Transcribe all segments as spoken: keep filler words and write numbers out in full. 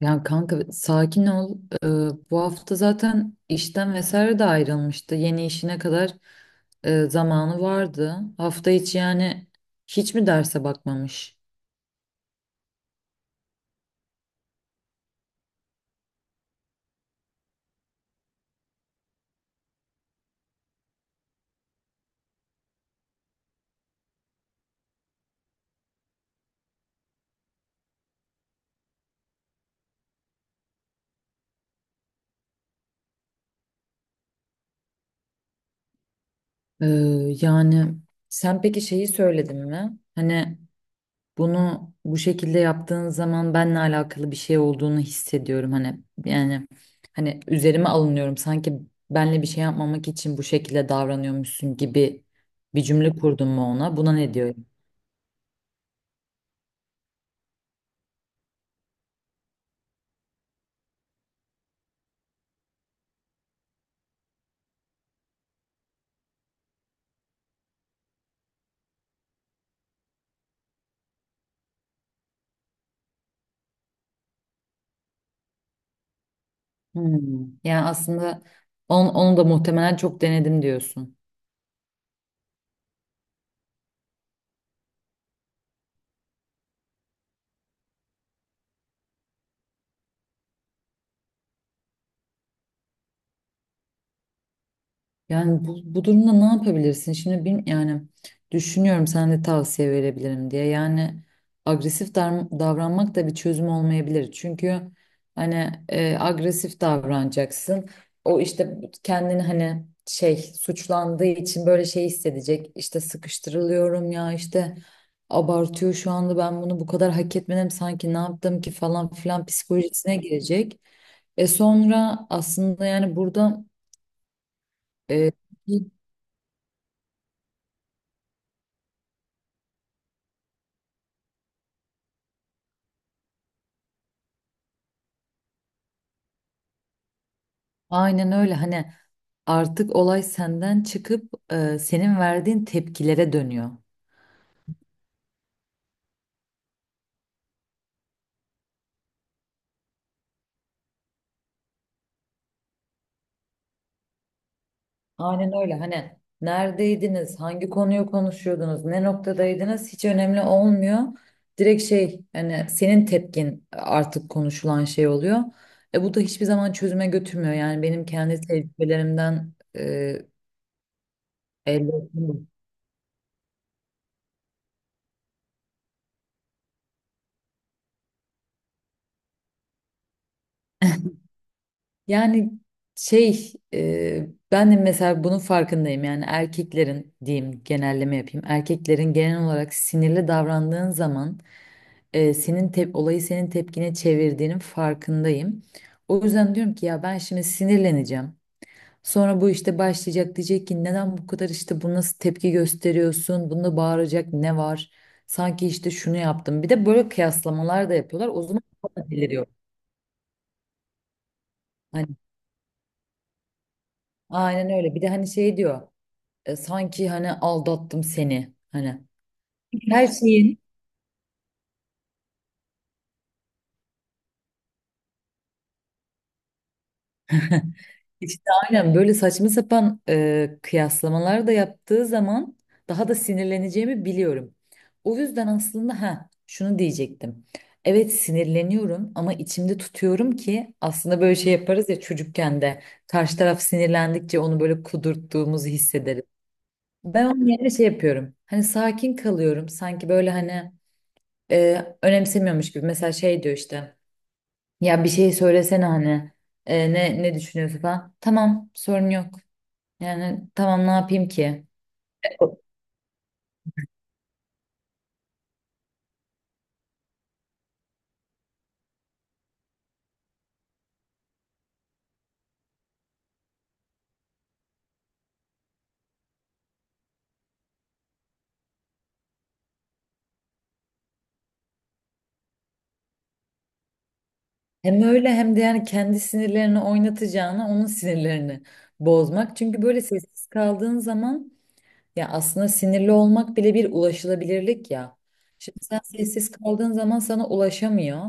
Ya kanka sakin ol. Ee, Bu hafta zaten işten vesaire de ayrılmıştı. Yeni işine kadar e, zamanı vardı. Hafta içi yani hiç mi derse bakmamış? Ee, Yani sen peki şeyi söyledin mi? Hani bunu bu şekilde yaptığın zaman benle alakalı bir şey olduğunu hissediyorum. Hani yani hani üzerime alınıyorum. Sanki benle bir şey yapmamak için bu şekilde davranıyormuşsun gibi bir cümle kurdun mu ona? Buna ne diyor? Hmm. Yani aslında on, onu da muhtemelen çok denedim diyorsun. Yani bu, bu durumda ne yapabilirsin? Şimdi bin, yani düşünüyorum sen de tavsiye verebilirim diye. Yani agresif dar- davranmak da bir çözüm olmayabilir. Çünkü hani e, agresif davranacaksın. O işte kendini hani şey suçlandığı için böyle şey hissedecek. İşte sıkıştırılıyorum ya işte abartıyor şu anda ben bunu bu kadar hak etmedim sanki ne yaptım ki falan filan psikolojisine girecek. E sonra aslında yani burada e, aynen öyle hani artık olay senden çıkıp e, senin verdiğin tepkilere dönüyor. Aynen öyle hani neredeydiniz, hangi konuyu konuşuyordunuz, ne noktadaydınız hiç önemli olmuyor. Direkt şey hani senin tepkin artık konuşulan şey oluyor. E, bu da hiçbir zaman çözüme götürmüyor. Yani benim kendi tecrübelerimden e, elde ettim. Yani şey e, ben de mesela bunun farkındayım yani erkeklerin diyeyim genelleme yapayım erkeklerin genel olarak sinirli davrandığın zaman e, senin tep olayı senin tepkine çevirdiğinin farkındayım. O yüzden diyorum ki ya ben şimdi sinirleneceğim. Sonra bu işte başlayacak diyecek ki neden bu kadar işte bu nasıl tepki gösteriyorsun? Bunda bağıracak ne var? Sanki işte şunu yaptım. Bir de böyle kıyaslamalar da yapıyorlar. O zaman daha da deliriyor. Hani aynen öyle. Bir de hani şey diyor. E, sanki hani aldattım seni hani her şeyin işte aynen böyle saçma sapan e, kıyaslamalar da yaptığı zaman daha da sinirleneceğimi biliyorum. O yüzden aslında ha şunu diyecektim. Evet sinirleniyorum ama içimde tutuyorum ki aslında böyle şey yaparız ya çocukken de karşı taraf sinirlendikçe onu böyle kudurttuğumuzu hissederiz. Ben onun yerine şey yapıyorum. Hani sakin kalıyorum. Sanki böyle hani e, önemsemiyormuş gibi. Mesela şey diyor işte. Ya bir şey söylesene hani E, ne ne düşünüyorsun falan. Tamam sorun yok. Yani tamam ne yapayım ki? Hem öyle hem de yani kendi sinirlerini oynatacağına onun sinirlerini bozmak. Çünkü böyle sessiz kaldığın zaman ya aslında sinirli olmak bile bir ulaşılabilirlik ya. Şimdi sen sessiz kaldığın zaman sana ulaşamıyor.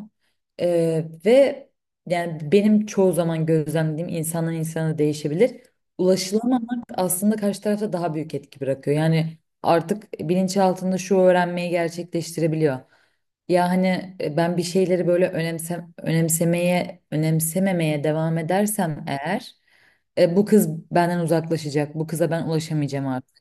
Ee, ve yani benim çoğu zaman gözlemlediğim insandan insana değişebilir. Ulaşılamamak aslında karşı tarafta daha büyük etki bırakıyor. Yani artık bilinçaltında şu öğrenmeyi gerçekleştirebiliyor. Ya hani e, ben bir şeyleri böyle önemsem, önemsemeye, önemsememeye devam edersem eğer e, bu kız benden uzaklaşacak. Bu kıza ben ulaşamayacağım artık.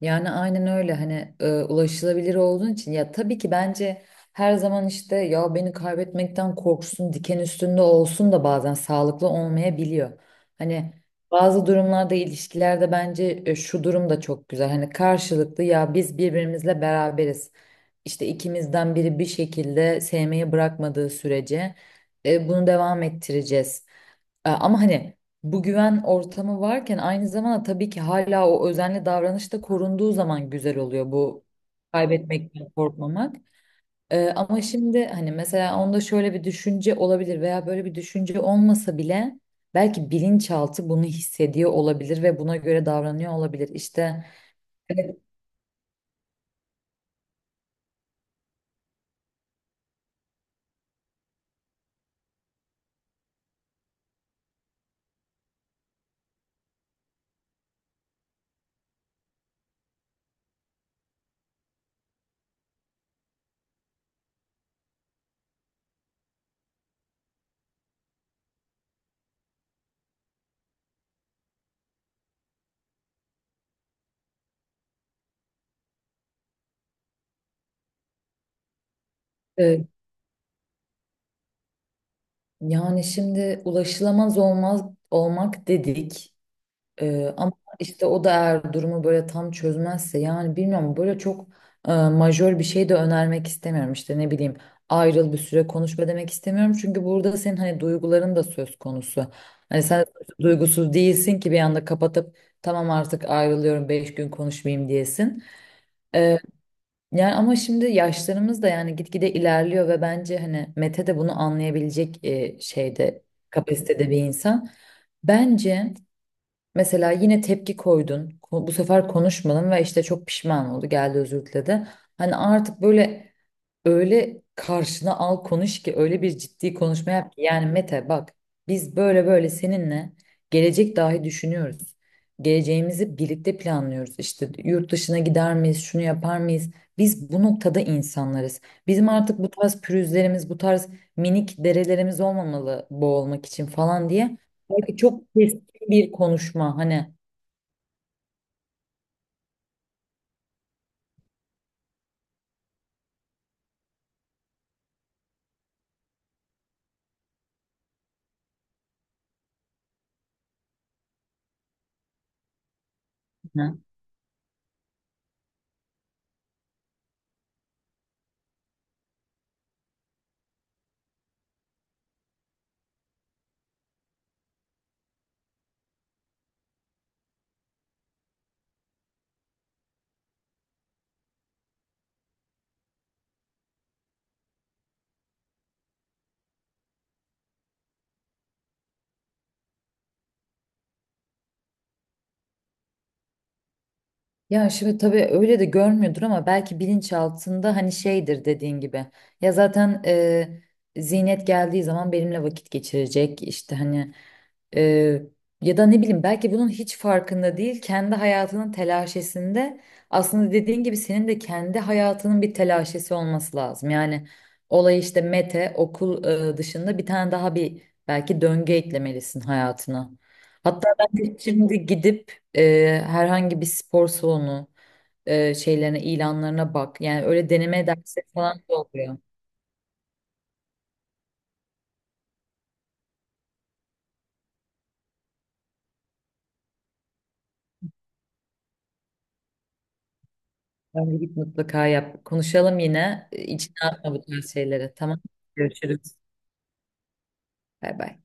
Yani aynen öyle hani e, ulaşılabilir olduğun için ya tabii ki bence her zaman işte ya beni kaybetmekten korksun diken üstünde olsun da bazen sağlıklı olmayabiliyor. Hani bazı durumlarda ilişkilerde bence e, şu durum da çok güzel hani karşılıklı ya biz birbirimizle beraberiz. İşte ikimizden biri bir şekilde sevmeyi bırakmadığı sürece e, bunu devam ettireceğiz. E, Ama hani bu güven ortamı varken aynı zamanda tabii ki hala o özenli davranış da korunduğu zaman güzel oluyor bu kaybetmekten korkmamak. E, ama şimdi hani mesela onda şöyle bir düşünce olabilir veya böyle bir düşünce olmasa bile belki bilinçaltı bunu hissediyor olabilir ve buna göre davranıyor olabilir. İşte evet, e, yani şimdi ulaşılamaz olmaz olmak dedik. Ee, ama işte o da eğer durumu böyle tam çözmezse yani bilmiyorum böyle çok e, majör bir şey de önermek istemiyorum işte ne bileyim ayrıl bir süre konuşma demek istemiyorum çünkü burada senin hani duyguların da söz konusu. Hani sen duygusuz değilsin ki bir anda kapatıp tamam artık ayrılıyorum beş gün konuşmayayım diyesin. Ee, Yani ama şimdi yaşlarımız da yani gitgide ilerliyor ve bence hani Mete de bunu anlayabilecek e, şeyde kapasitede bir insan. Bence mesela yine tepki koydun. Ko- Bu sefer konuşmadın ve işte çok pişman oldu. Geldi özür diledi. Hani artık böyle öyle karşına al konuş ki öyle bir ciddi konuşma yap ki. Yani Mete bak biz böyle böyle seninle gelecek dahi düşünüyoruz. Geleceğimizi birlikte planlıyoruz. İşte yurt dışına gider miyiz, şunu yapar mıyız? Biz bu noktada insanlarız. Bizim artık bu tarz pürüzlerimiz, bu tarz minik derelerimiz olmamalı boğulmak için falan diye. Belki çok bir konuşma hani. Hı. Ya şimdi tabii öyle de görmüyordur ama belki bilinçaltında hani şeydir dediğin gibi. Ya zaten e, Zinet geldiği zaman benimle vakit geçirecek işte hani e, ya da ne bileyim belki bunun hiç farkında değil kendi hayatının telaşesinde aslında dediğin gibi senin de kendi hayatının bir telaşesi olması lazım. Yani olay işte Mete okul e, dışında bir tane daha bir belki döngü eklemelisin hayatına. Hatta ben de şimdi gidip e, herhangi bir spor salonu e, şeylerine, ilanlarına bak. Yani öyle deneme dersleri falan da oluyor. Bence git mutlaka yap. Konuşalım yine. E, İçine atma bu tarz şeyleri. Tamam. Görüşürüz. Bay bay.